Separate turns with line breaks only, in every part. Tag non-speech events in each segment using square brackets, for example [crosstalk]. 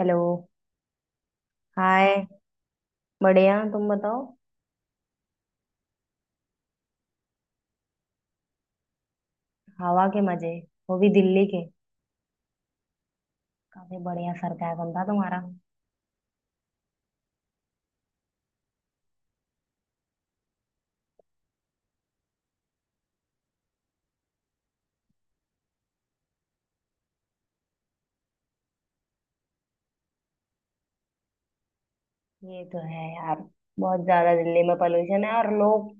Hello. Hi. बढ़िया, तुम बताओ। हवा के मजे, वो भी दिल्ली के। काफी बढ़िया सरकाजम था तुम्हारा। ये तो है यार, बहुत ज्यादा दिल्ली में पोल्यूशन है। और लोग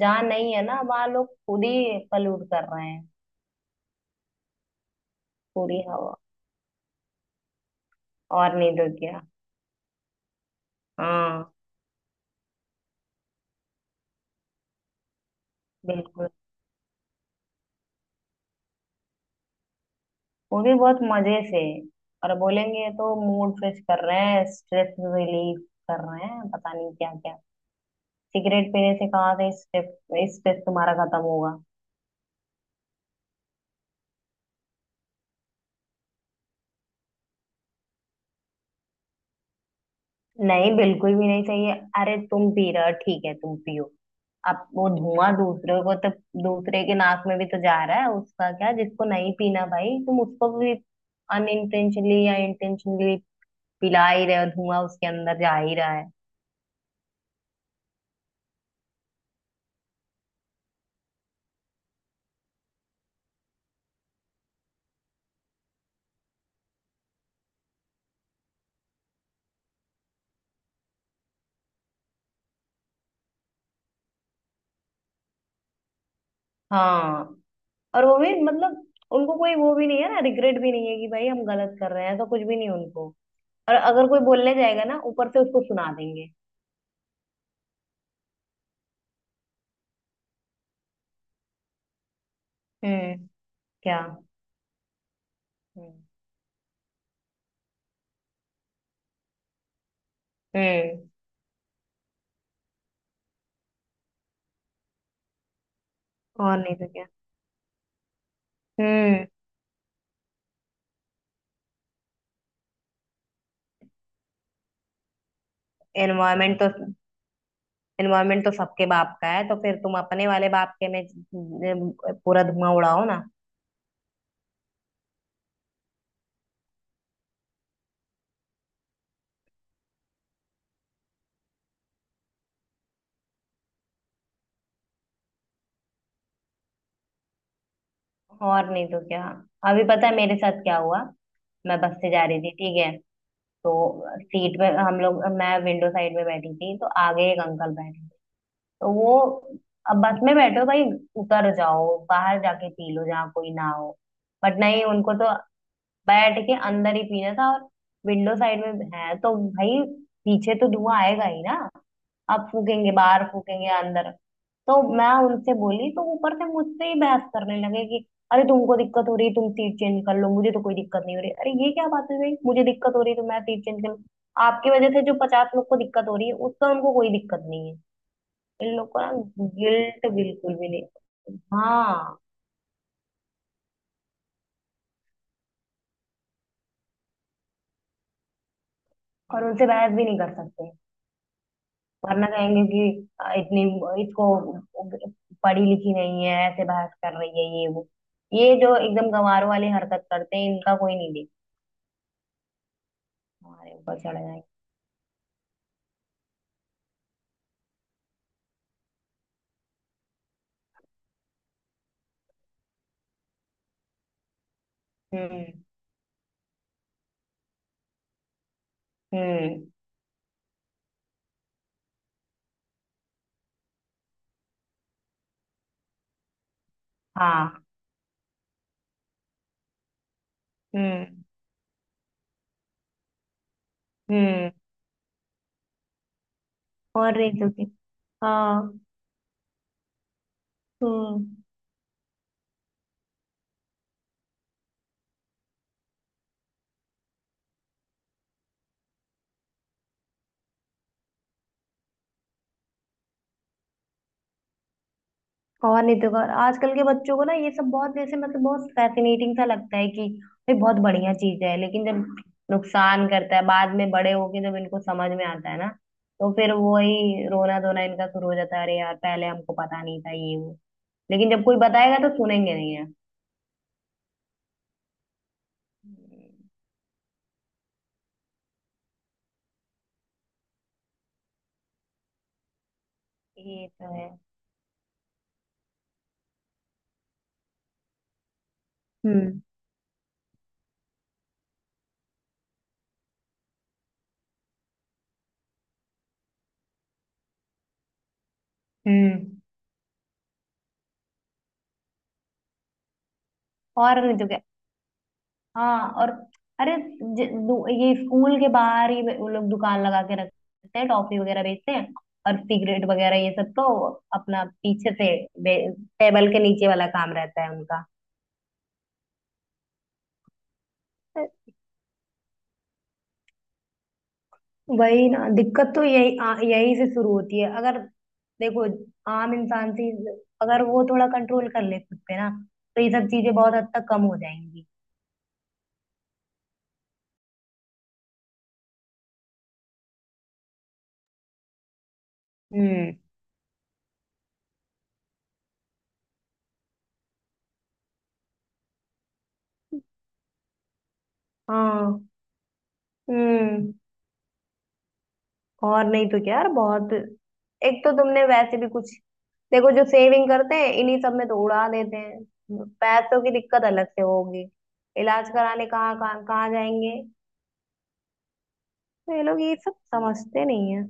जहाँ नहीं है ना, वहाँ लोग खुद ही पल्यूट कर रहे हैं पूरी हवा। और नहीं तो क्या। हाँ, बिल्कुल। वो भी बहुत मजे से। और बोलेंगे तो मूड फ्रेश कर रहे हैं, स्ट्रेस रिलीफ कर रहे हैं, पता नहीं क्या क्या। सिगरेट पीने से कहाँ से स्ट्रेस, तुम्हारा खत्म होगा। नहीं, बिल्कुल भी नहीं चाहिए। अरे तुम पी रहे हो, ठीक है तुम पियो। अब वो धुआं दूसरे को तो, दूसरे के नाक में भी तो जा रहा है, उसका क्या जिसको नहीं पीना। भाई तुम उसको भी अनइंटेंशनली या इंटेंशनली पिला ही रहे हो, धुआं उसके अंदर जा ही रहा है। हाँ। और वो भी मतलब उनको कोई, वो भी नहीं है ना, रिग्रेट भी नहीं है कि भाई हम गलत कर रहे हैं। तो कुछ भी नहीं उनको। और अगर कोई बोलने जाएगा ना, ऊपर से उसको सुना देंगे। हम्म। क्या। हम्म। हम्म, और नहीं तो क्या। हम्म। एनवायरमेंट तो, एनवायरमेंट तो सबके बाप का है। तो फिर तुम अपने वाले बाप के में पूरा धुआं उड़ाओ ना। और नहीं तो क्या। अभी पता है मेरे साथ क्या हुआ। मैं बस से जा रही थी, ठीक है। तो सीट में हम लोग, मैं विंडो साइड में बैठी थी, तो आगे एक अंकल बैठे थे। तो वो, अब बस में बैठो भाई, उतर जाओ बाहर जाके पी लो जहाँ कोई ना हो। बट नहीं, उनको तो बैठ के अंदर ही पीना था। और विंडो साइड में है तो भाई पीछे तो धुआं आएगा ही ना। आप फूकेंगे बाहर, फूकेंगे अंदर। तो मैं उनसे बोली तो ऊपर से मुझसे ही बहस करने लगे कि अरे तुमको दिक्कत हो रही, तुम सीट चेंज कर लो, मुझे तो कोई दिक्कत नहीं हो रही। अरे ये क्या बात हुई भाई, मुझे दिक्कत हो रही है तो मैं सीट चेंज कर लूं। आपकी वजह से जो 50 लोग को दिक्कत हो रही है, उसका उनको कोई दिक्कत नहीं है। इन लोग को ना गिल्ट बिल्कुल भी नहीं। हाँ, और उनसे बहस भी नहीं कर सकते वरना कहेंगे कि इतनी, इसको पढ़ी लिखी नहीं है, ऐसे बहस कर रही है, ये वो। ये जो एकदम गंवारों वाली हरकत करते हैं इनका कोई नहीं देखता। हमारे ऊपर चढ़ जाए। हम्म। हम्म। हाँ। हम्म। हम्म। और नहीं तो क्या। हाँ। हम्म। और नहीं तो और आजकल के बच्चों को ना ये सब बहुत जैसे मतलब बहुत फैसिनेटिंग सा लगता है कि ये बहुत बढ़िया चीज है। लेकिन जब नुकसान करता है बाद में बड़े होके जब इनको समझ में आता है ना, तो फिर वही रोना धोना इनका शुरू हो जाता है, अरे यार पहले हमको पता नहीं था, ये वो। लेकिन जब कोई बताएगा तो सुनेंगे नहीं है। ये तो है। हम्म। हम्म। और नहीं तो क्या। हाँ। और अरे ये स्कूल के बाहर ही वो लोग दुकान लगा के रखते हैं, टॉफी वगैरह बेचते हैं। और सिगरेट वगैरह ये सब तो अपना पीछे से, बे- टेबल के नीचे वाला काम रहता है उनका। वही ना, दिक्कत तो यही यही से शुरू होती है। अगर देखो आम इंसान से, अगर वो थोड़ा कंट्रोल कर ले खुद पे ना, तो ये सब चीजें बहुत हद तक कम हो जाएंगी। हम्म। हाँ। हम्म। और नहीं तो क्या यार, बहुत। एक तो तुमने वैसे भी कुछ, देखो जो सेविंग करते हैं इन्हीं सब में तो उड़ा देते हैं। पैसों की दिक्कत अलग से होगी, इलाज कराने कहाँ कहाँ कहाँ जाएंगे। तो ये लोग ये सब समझते नहीं है।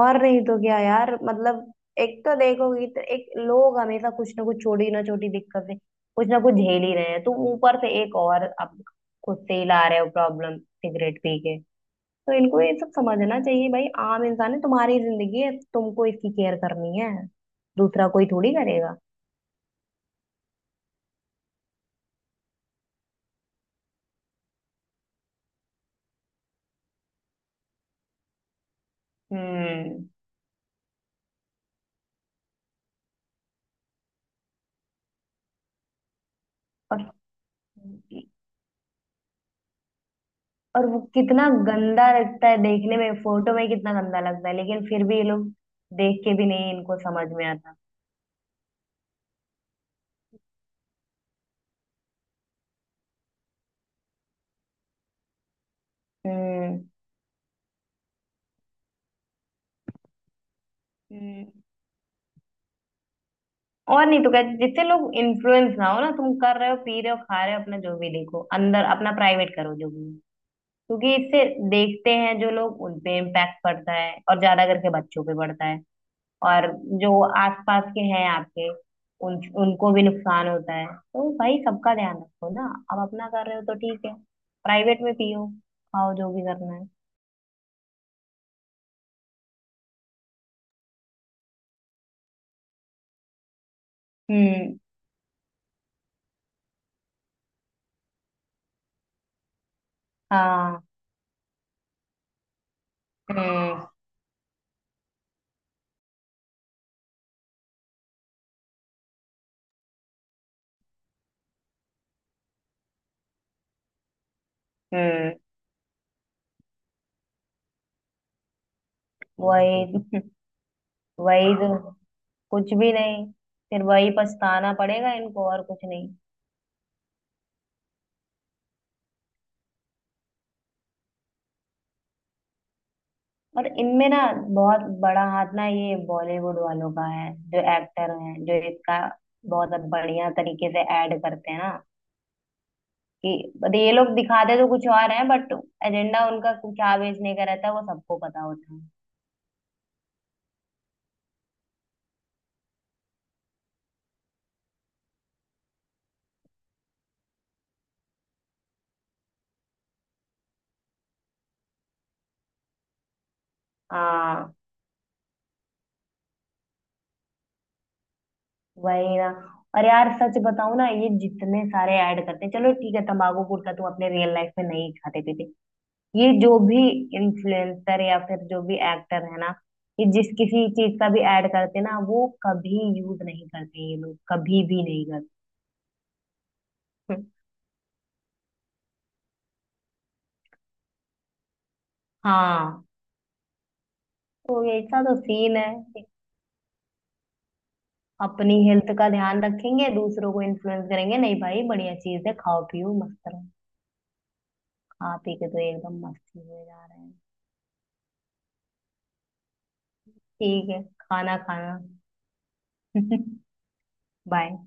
और नहीं तो क्या यार, मतलब एक तो देखोगी तो एक लोग हमेशा कुछ ना कुछ छोटी ना छोटी दिक्कत से कुछ ना कुछ झेल ही रहे हैं। तुम ऊपर से एक और अब खुद से ही ला रहे हो प्रॉब्लम, सिगरेट पी के। तो इनको ये सब समझना चाहिए भाई, आम इंसान है, तुम्हारी जिंदगी है, तुमको इसकी केयर करनी है, दूसरा कोई थोड़ी करेगा। हम्म। और और वो कितना गंदा लगता है देखने में, फोटो में कितना गंदा लगता है, लेकिन फिर भी ये लोग देख के भी नहीं इनको समझ में आता। हम्म। हम्म। और नहीं तो क्या, जिससे लोग इन्फ्लुएंस ना हो ना। तुम कर रहे हो, पी रहे हो, खा रहे हो, अपना जो भी, देखो अंदर अपना प्राइवेट करो जो भी। क्योंकि इससे देखते हैं जो लोग उन पे इम्पैक्ट पड़ता है, और ज्यादा करके बच्चों पे पड़ता है। और जो आसपास के हैं आपके, उन, उनको भी नुकसान होता है। तो भाई सबका ध्यान रखो ना। अब अपना कर रहे हो तो ठीक है, प्राइवेट में पियो, खाओ, जो भी करना है। हम्म। हाँ। हम्म। हम्म। वही। [laughs] वही तो, कुछ भी नहीं। फिर वही पछताना पड़ेगा इनको और कुछ नहीं। और इनमें ना बहुत बड़ा हाथ ना ये बॉलीवुड वालों का है। जो एक्टर हैं जो इसका बहुत बढ़िया तरीके से ऐड करते हैं ना, कि but ये लोग दिखाते तो कुछ और है, बट एजेंडा उनका क्या बेचने का रहता है वो सबको पता होता है। हाँ। वही ना। और यार सच बताऊं ना, ये जितने सारे ऐड करते हैं, चलो ठीक है तंबाकू गुटखा तुम अपने रियल लाइफ में नहीं खाते पीते। ये जो भी इन्फ्लुएंसर या फिर जो भी एक्टर है ना, ये जिस किसी चीज का भी ऐड करते हैं ना, वो कभी यूज नहीं करते ये लोग, कभी भी नहीं करते। हाँ, तो ये ऐसा तो सीन है। अपनी हेल्थ का ध्यान रखेंगे, दूसरों को इन्फ्लुएंस करेंगे नहीं। भाई बढ़िया चीज है, खाओ पियो मस्त रहो। खा पी के तो एकदम मस्त ही हुए जा रहे हैं। ठीक है, खाना खाना। [laughs] बाय।